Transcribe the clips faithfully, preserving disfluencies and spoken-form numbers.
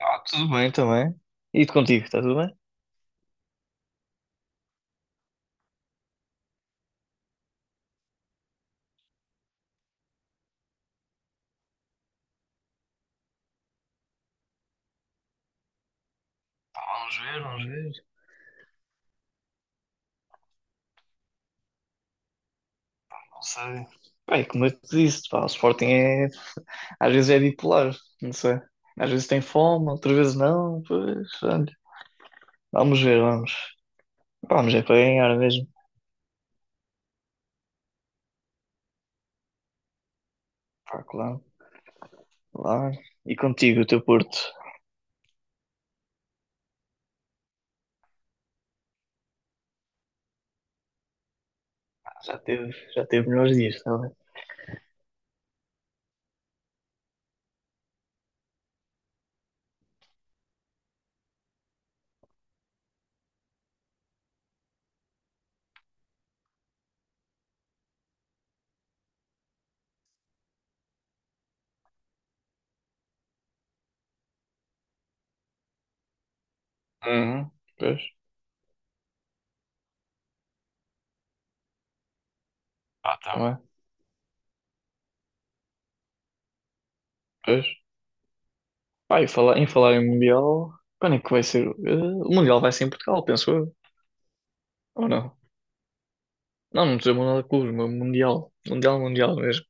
Ah, tudo bem também. E de contigo, está tudo bem? Pá, vamos ver, vamos ver. Não sei. Bem, como eu te disse, pá, o Sporting é. Às vezes é bipolar, não sei. Às vezes tem fome, outras vezes não. Pois, olha. Vamos ver, vamos. Pá, vamos é para ganhar mesmo. Pá, claro, claro. E contigo, o teu Porto. Já teve, já teve melhores dias, está bem? Uhum. Pois, ah, tá, também. Pois. Pá, e falar, em falar em Mundial, quando é que vai ser? Eh, o Mundial vai ser em Portugal, penso eu. Ou não? Não, não estou Mundial de Clubes, mas Mundial. Mundial, Mundial mesmo.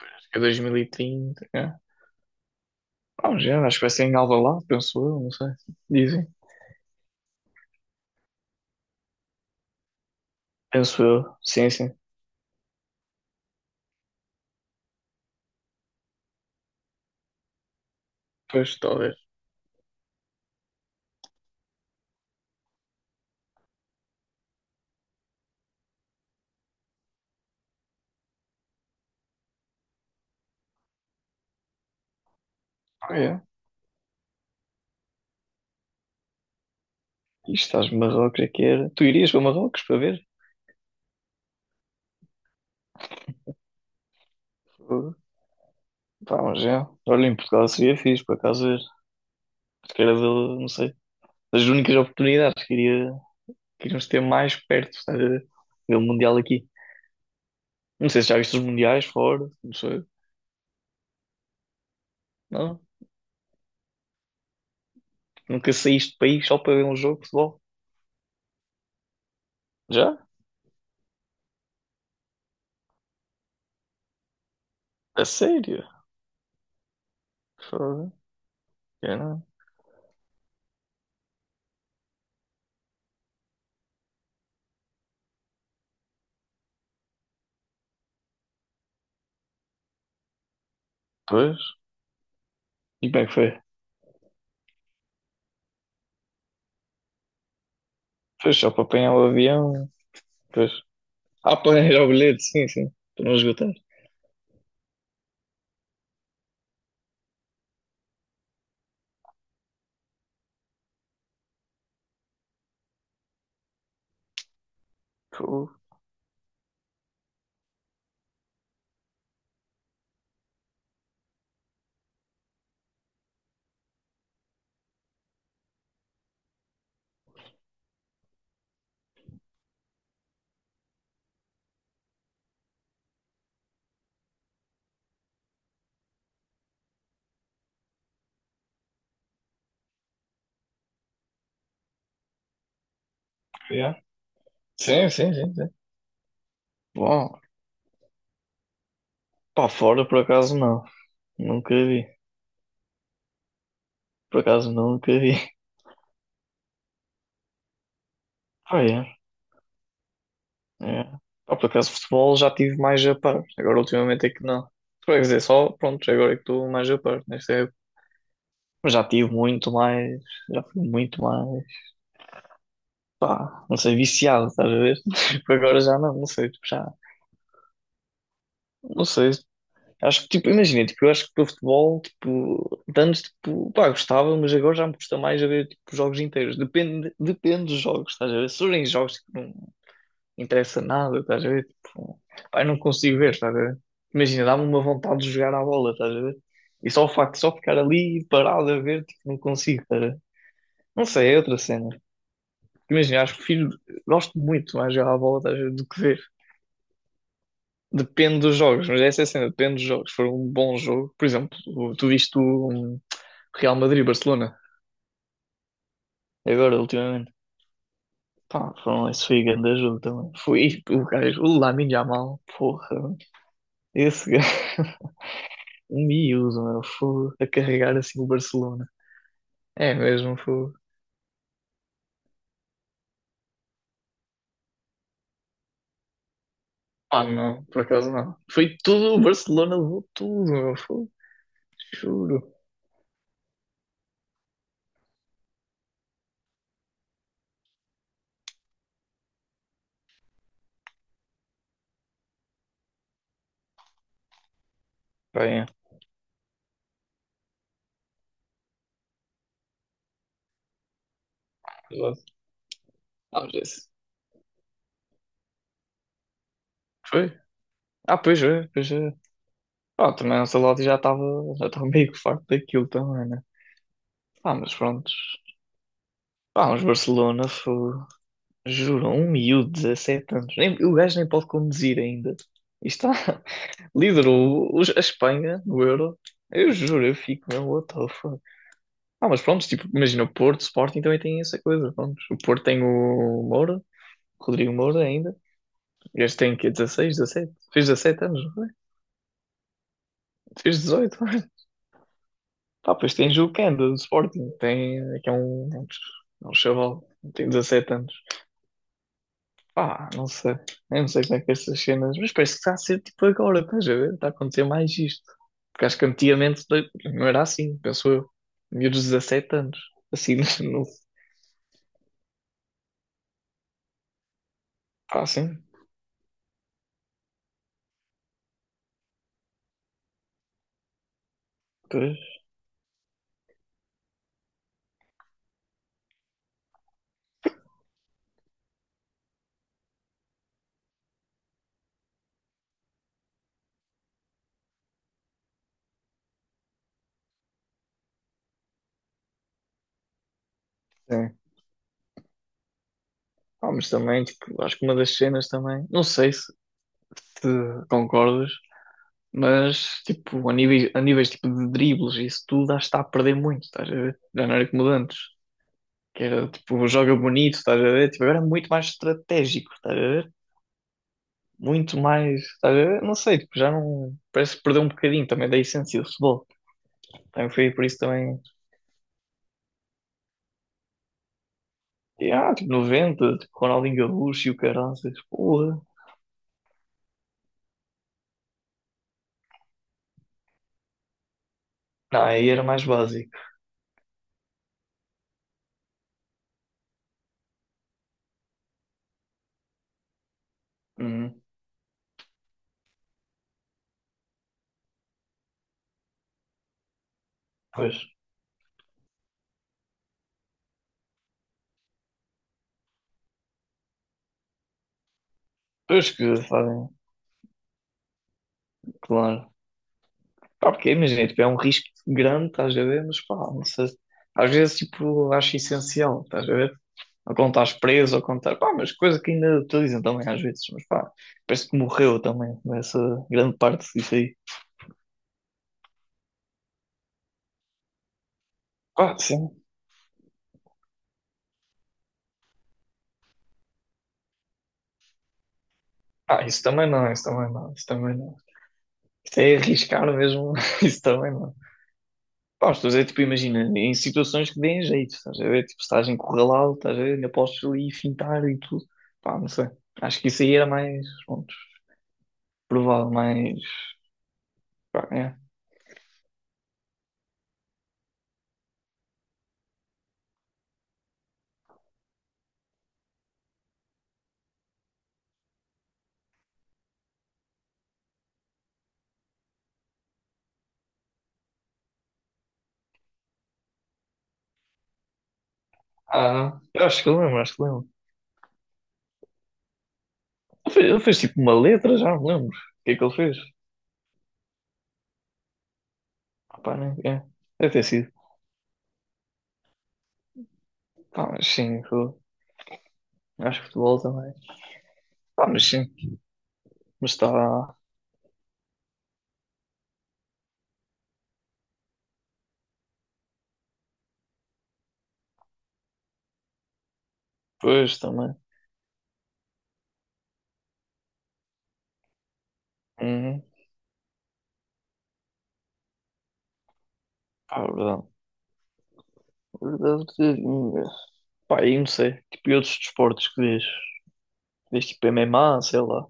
Acho que é dois mil e trinta. É. Vamos ver, acho que vai ser em Alvalade, penso eu, não sei. Dizem. Penso eu. Sim, sim. Pois, talvez. Ah, é. Isto estás no Marrocos aqui era. Tu irias para Marrocos para ver? Fogo. Pá, vamos ver. Olha, em Portugal seria fixe, por acaso ver. Acho era, de- não sei, das únicas oportunidades que iria, que iríamos ter mais perto, estás a ver? Ver o Mundial aqui. Não sei se já viste os Mundiais fora, não sei. Não? Nunca saíste do país só para ver um jogo de futebol. Já? A sério? Foda. Eu não. Pois. E como é que foi? Pois só para apanhar o avião. Pois. Ah, para arranjar o bilhete, sim, sim. Para não esgotar. Fogo. Yeah. Sim, sim, sim, sim. Bom, para fora por acaso não. Nunca vi. Por acaso nunca vi. Ah, yeah. É. Pá, por acaso futebol já tive mais a par. Agora ultimamente é que não. Quer dizer, só pronto, agora é que estou mais a par nesta época. Mas já tive muito mais, já fui muito mais, pá, não sei, viciado, estás a ver? Tipo, agora já não, não sei, tipo, já não sei. Acho que, tipo, imagina, tipo, eu acho que para futebol, tipo, de antes, tipo, pá, gostava, mas agora já me custa mais a ver, tipo, jogos inteiros. Depende, depende dos jogos, estás a ver? Se forem jogos que não interessa nada, estás a ver? Tipo, pá, eu não consigo ver, estás a ver? Imagina, dá-me uma vontade de jogar à bola, estás a ver? E só o facto de só ficar ali parado a ver, tipo, não consigo, estás a ver? Não sei, é outra cena. Imagina, acho que prefiro, gosto muito mais de jogar à bola, estás a ver, do que ver. Depende dos jogos, mas essa é a cena, depende dos jogos. Se for um bom jogo, por exemplo, o- tu viste o um, Real Madrid-Barcelona, agora, ultimamente. Pá, foram, esse foi grande jogo também. Foi o gajo, o Lamine Yamal, porra, esse gajo, um miúdo, meu, foi a carregar assim o Barcelona. É mesmo, foi. Ah, não, por acaso não. Foi tudo, o Barcelona levou tudo, meu, foi, juro. Bem, é. Ah, mas esse- Foi? Ah, pois é, pois é. Pronto, também o Ancelotti já estava já estava meio que farto daquilo também, né? Ah, mas pronto. Ah, mas Barcelona foi, juro, um miúdo, dezassete anos. Nem, o gajo nem pode conduzir ainda. E está, liderou os- a Espanha no Euro. Eu juro, eu fico mesmo, what the fuck. Ah, mas pronto, tipo, imagina o Porto, o Sporting também tem essa coisa, pronto. O Porto tem o Moura, Rodrigo Moura ainda. Este tem que dezasseis dezassete? Fez dezassete anos, não foi? Fez dezoito. Pá, pois tens o Kenda do Sporting, tem, que é um, é um chaval, tem dezassete anos. Pá, não sei, eu não sei como é que é essas cenas, mas parece que está a ser tipo agora, estás a ver? Está a acontecer mais isto. Porque acho que antigamente de- não era assim, penso eu. Miúdos de dezassete anos, assim, não, pá, assim, pois, é. Pá, mas também, tipo, acho que uma das cenas também, não sei se te concordas, mas, tipo, a níveis, a níveis tipo, de dribles, isso tudo, acho que está a perder muito, estás a ver? Já não era como de antes. Que era tipo, joga bonito, estás a ver? Tipo, agora é muito mais estratégico, estás a ver? Muito mais, estás a ver? Não sei, tipo, já não. Parece que perdeu um bocadinho também da essência do futebol. Também foi por isso também. E, ah, tipo, noventa, tipo, Ronaldinho Gaúcho e o Caranças, porra. Não, aí era mais básico. Hum, pois, pois que fazem, claro. Pá, porque imagina, tipo, é um risco grande, estás a ver? Mas pá, não sei. Às vezes, tipo, acho essencial, estás a ver? Ou quando estás preso, ou quando estás. Pá, mas coisa que ainda te dizem também às vezes, mas pá, parece que morreu também nessa grande parte disso aí. Pá, sim. Ah, isso também não, isso também não, isso também não. Isto é arriscar mesmo, isso também não. Pá, estou a dizer, tipo, imagina, em situações que deem jeito, estás a ver? Tipo, se estás encurralado, estás a ver? Ainda podes ali fintar e tudo. Pá, não sei. Acho que isso aí era mais, pronto, provável, mais. Pá, é. Ah, eu acho que lembro, acho que lembro. Ele fez, ele fez, tipo uma letra, já me lembro. O que é que ele fez? Pá, né é, deve ter sido. Pá, mas sim, fu- acho que futebol também. Pá, mas sim, mas está. Pois também. Uhum. Pá, é verdade. É verdade. hum, Pá, aí não sei. Tipo, e outros desportos que vês? Vês tipo M M A, sei lá.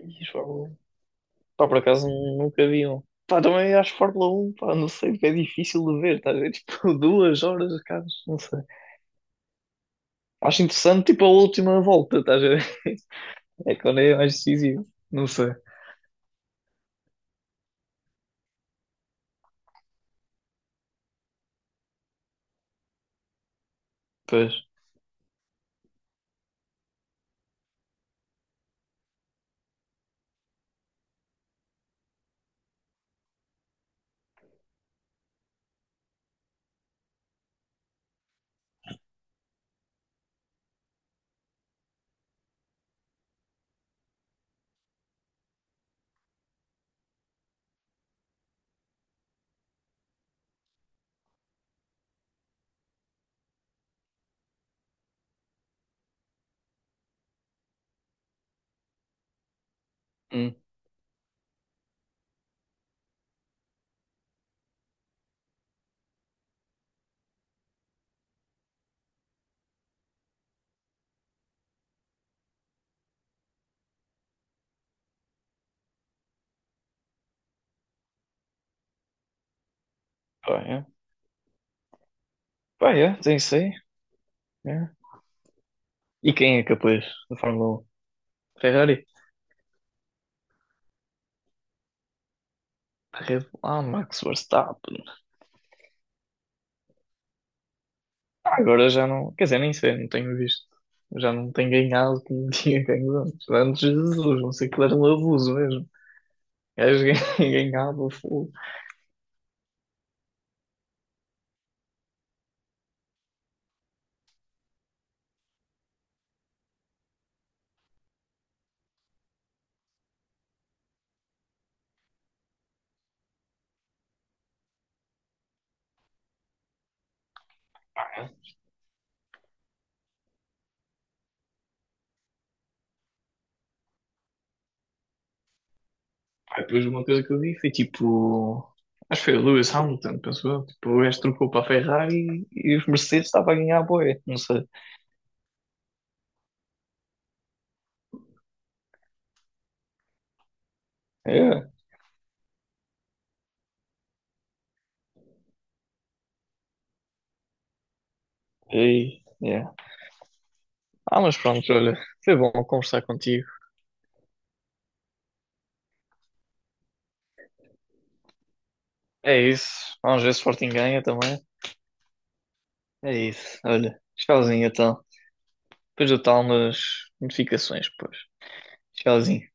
Ih, Fórmula um. Pá, por acaso nunca vi um. Pá, também acho Fórmula um pá, não sei, é difícil de ver, estás a ver? Tipo, duas horas, cara, não sei. Acho interessante, tipo, a última volta, estás a ver? É quando é mais decisivo, não sei. Pois. Hum. Pá, é. Pá, yeah, tem isso aí. Yeah. E quem é capaz da Fórmula um? Ferrari? Red Bull, ah, Max Verstappen. Ah, agora já não. Quer dizer, nem sei, não tenho visto. Já não tenho ganhado como tinha ganho antes. Antes de Jesus, não sei que era um abuso mesmo. Gajo ganhava fogo. Pá, pá, depois uma coisa que eu vi foi tipo. Acho que foi o Lewis Hamilton, pensou eu. Tipo, o gajo trocou para a Ferrari e os Mercedes estavam a ganhar a boia. Não sei. É, e, é. Ah, mas pronto, olha, foi bom conversar contigo. É isso. Vamos ver se o Sporting ganha também. É isso. Olha, tchauzinho então. Depois eu tal nas notificações, pois. Tchauzinho.